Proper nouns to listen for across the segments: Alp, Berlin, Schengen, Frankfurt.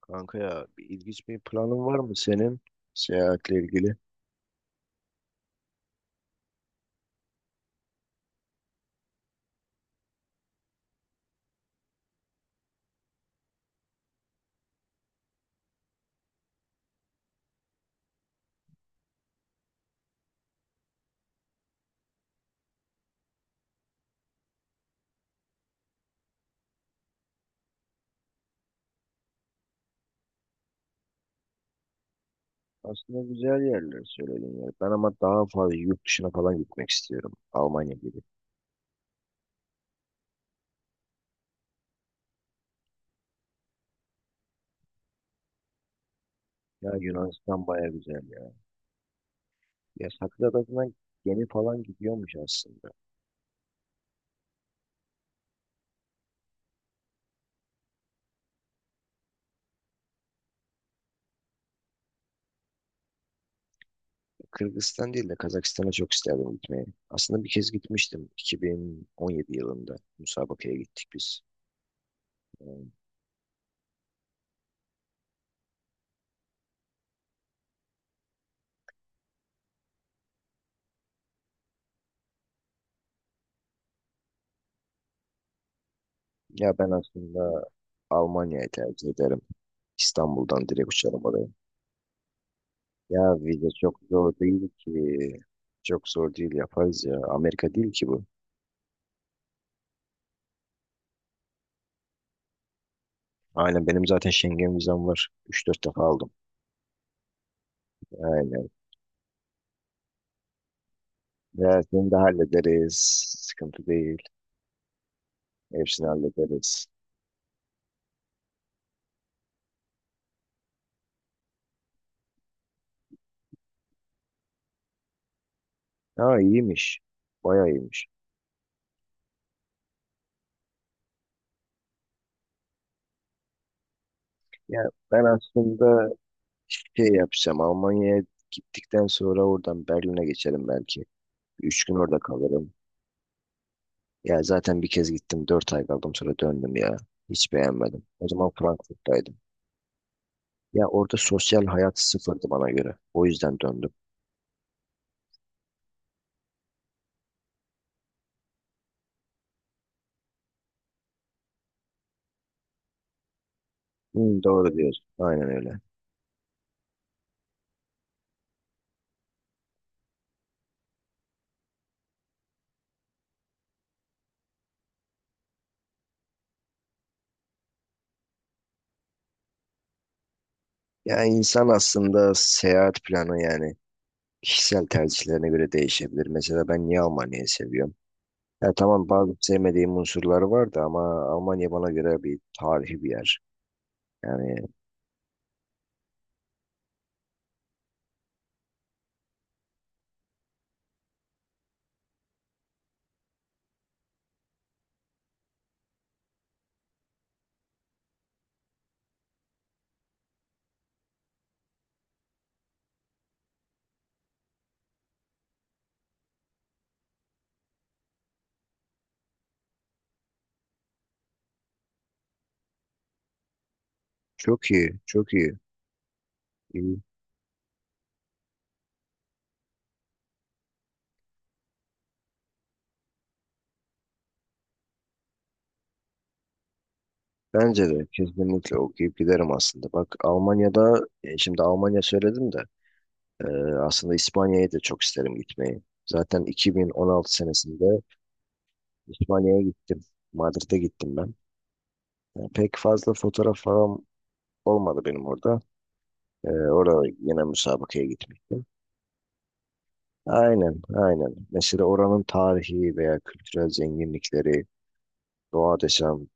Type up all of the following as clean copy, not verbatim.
Kanka ya bir ilginç bir planın var mı senin seyahatle ilgili? Aslında güzel yerler söyledin ya. Ben ama daha fazla yurt dışına falan gitmek istiyorum. Almanya gibi. Ya Yunanistan baya güzel ya. Ya Sakız gemi falan gidiyormuş aslında. Kırgızistan değil de Kazakistan'a çok isterdim gitmeyi. Aslında bir kez gitmiştim 2017 yılında. Musabaka'ya gittik biz. Yani Ya ben aslında Almanya'yı tercih ederim. İstanbul'dan direkt uçarım oraya. Ya vize çok zor değil ki. Çok zor değil yaparız ya. Amerika değil ki bu. Aynen, benim zaten Schengen vizem var. 3 4 defa aldım. Aynen. Ya seni de hallederiz. Sıkıntı değil. Hepsini hallederiz. Ha iyiymiş. Bayağı iyiymiş. Ya ben aslında şey yapacağım. Almanya'ya gittikten sonra oradan Berlin'e geçerim belki. 3 gün orada kalırım. Ya zaten bir kez gittim. 4 ay kaldım sonra döndüm ya. Hiç beğenmedim. O zaman Frankfurt'taydım. Ya orada sosyal hayat sıfırdı bana göre. O yüzden döndüm. Hı, doğru diyorsun. Aynen öyle. Yani insan aslında seyahat planı yani kişisel tercihlerine göre değişebilir. Mesela ben niye Almanya'yı seviyorum? Ya tamam bazı sevmediğim unsurları vardı ama Almanya bana göre bir tarihi bir yer. Yani çok iyi, çok iyi. İyi. Bence de kesinlikle okuyup giderim aslında. Bak Almanya'da, şimdi Almanya söyledim de e, aslında İspanya'ya da çok isterim gitmeyi. Zaten 2016 senesinde İspanya'ya gittim. Madrid'e gittim ben. Yani pek fazla fotoğraf falan olmadı benim orada. Orada yine müsabakaya gitmiştim. Aynen, aynen. Mesela oranın tarihi veya kültürel zenginlikleri, doğa desem,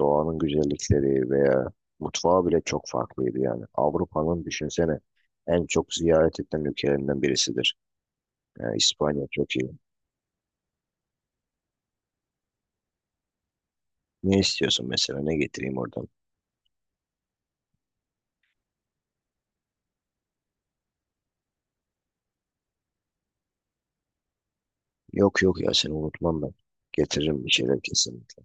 doğanın güzellikleri veya mutfağı bile çok farklıydı yani. Avrupa'nın düşünsene en çok ziyaret edilen ülkelerinden birisidir. Yani İspanya çok iyi. Ne istiyorsun mesela? Ne getireyim oradan? Yok yok ya, seni unutmam ben. Getiririm bir şeyler kesinlikle.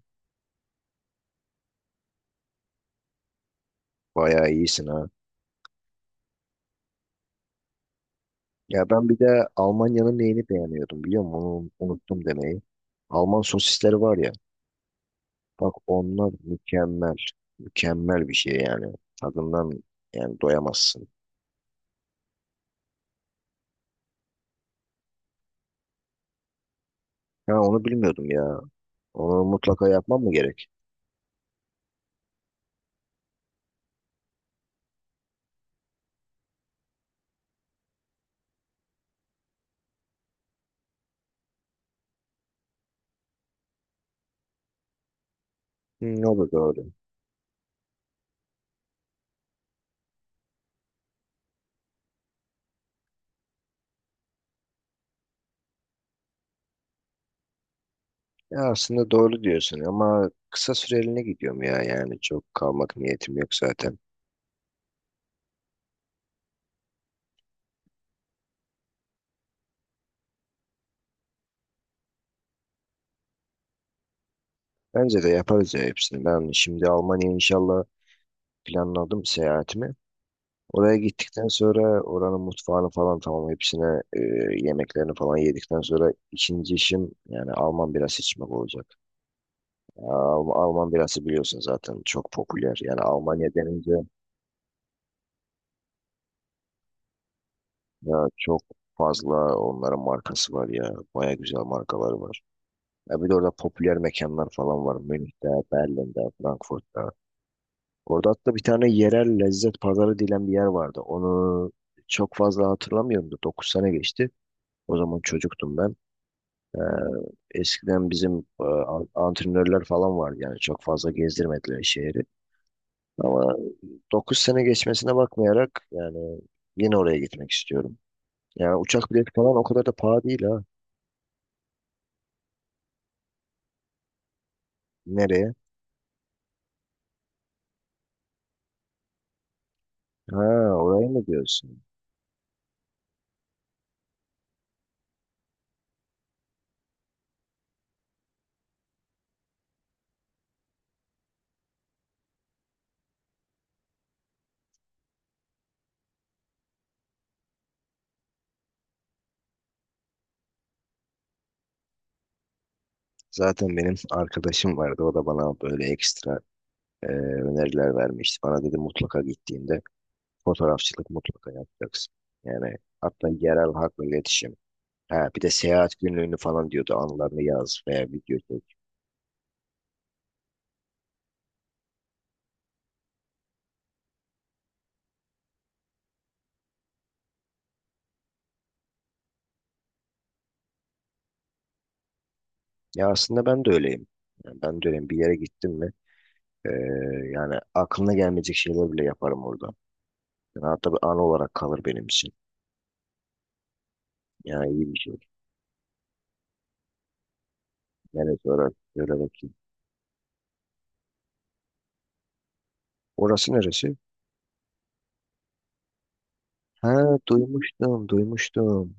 Bayağı iyisin ha. Ya ben bir de Almanya'nın neyini beğeniyordum biliyor musun? Onu unuttum demeyi. Alman sosisleri var ya. Bak onlar mükemmel. Mükemmel bir şey yani. Tadından yani doyamazsın. Ha onu bilmiyordum ya. Onu mutlaka yapmam mı gerek? Hı, ne olur doğru. Ya aslında doğru diyorsun ama kısa süreliğine gidiyorum ya, yani çok kalmak niyetim yok zaten. Bence de yaparız ya hepsini. Ben şimdi Almanya'ya inşallah planladım seyahatimi. Oraya gittikten sonra oranın mutfağını falan tamam hepsine e, yemeklerini falan yedikten sonra ikinci işim yani Alman birası içmek olacak. Ya, Alman birası biliyorsun zaten çok popüler. Yani Almanya denince ya çok fazla onların markası var ya. Baya güzel markaları var. Ya bir de orada popüler mekanlar falan var. Münih'te, Berlin'de, Frankfurt'ta. Orada hatta bir tane yerel lezzet pazarı dilen bir yer vardı. Onu çok fazla hatırlamıyorum da 9 sene geçti. O zaman çocuktum ben. Ee, Eskiden bizim antrenörler falan vardı yani çok fazla gezdirmediler şehri. Ama 9 sene geçmesine bakmayarak yani yine oraya gitmek istiyorum. Yani uçak bileti falan o kadar da pahalı değil ha. Nereye? Ha oraya mı diyorsun? Zaten benim arkadaşım vardı, o da bana böyle ekstra e, öneriler vermişti. Bana dedi mutlaka gittiğinde fotoğrafçılık mutlaka yapacaksın. Yani hatta yerel halkla iletişim. Ha, bir de seyahat günlüğünü falan diyordu, anılarını yaz veya video. Ya aslında ben de öyleyim. Yani ben de öyleyim. Bir yere gittim mi e, yani aklına gelmeyecek şeyler bile yaparım orada. Yani hatta bir an olarak kalır benim için. Yani iyi bir şey. Neresi orası? Söyle bakayım. Orası neresi? Ha duymuştum, duymuştum.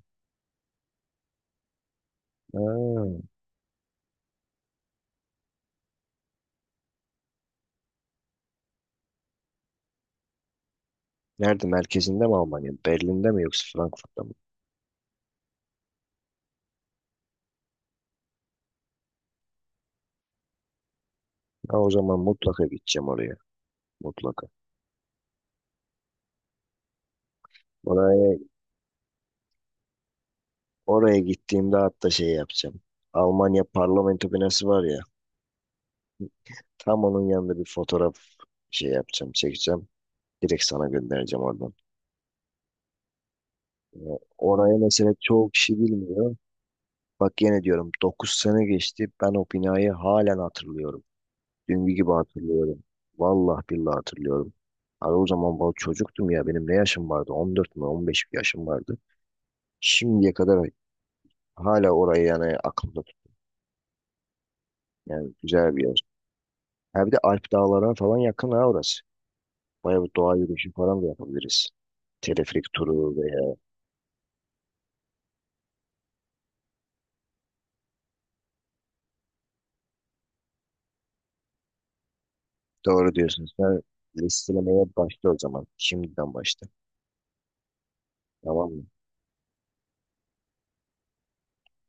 Ha. Nerede? Merkezinde mi Almanya? Berlin'de mi yoksa Frankfurt'ta mı? Ha, o zaman mutlaka gideceğim oraya. Mutlaka. Oraya, oraya gittiğimde hatta şey yapacağım. Almanya parlamento binası var ya. Tam onun yanında bir fotoğraf şey yapacağım, çekeceğim. Direkt sana göndereceğim oradan. Ee, Oraya mesela çoğu kişi bilmiyor. Bak yine diyorum 9 sene geçti. Ben o binayı halen hatırlıyorum. Dün gibi hatırlıyorum. Vallahi billahi hatırlıyorum. Abi o zaman ben çocuktum ya. Benim ne yaşım vardı? 14 mü 15 bir yaşım vardı. Şimdiye kadar hala orayı yani aklımda tut. Yani güzel bir yer. Ha bir de Alp dağlarına falan yakın ha orası. Bayağı bir doğa yürüyüşü falan da yapabiliriz. Teleferik turu veya. Doğru diyorsun. Sen listelemeye başla o zaman. Şimdiden başla. Tamam mı?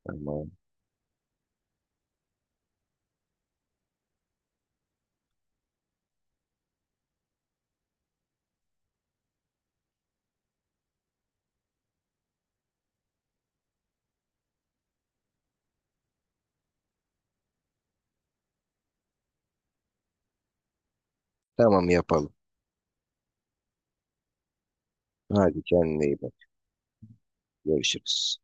Tamam. Tamam yapalım. Hadi kendine iyi bak. Görüşürüz.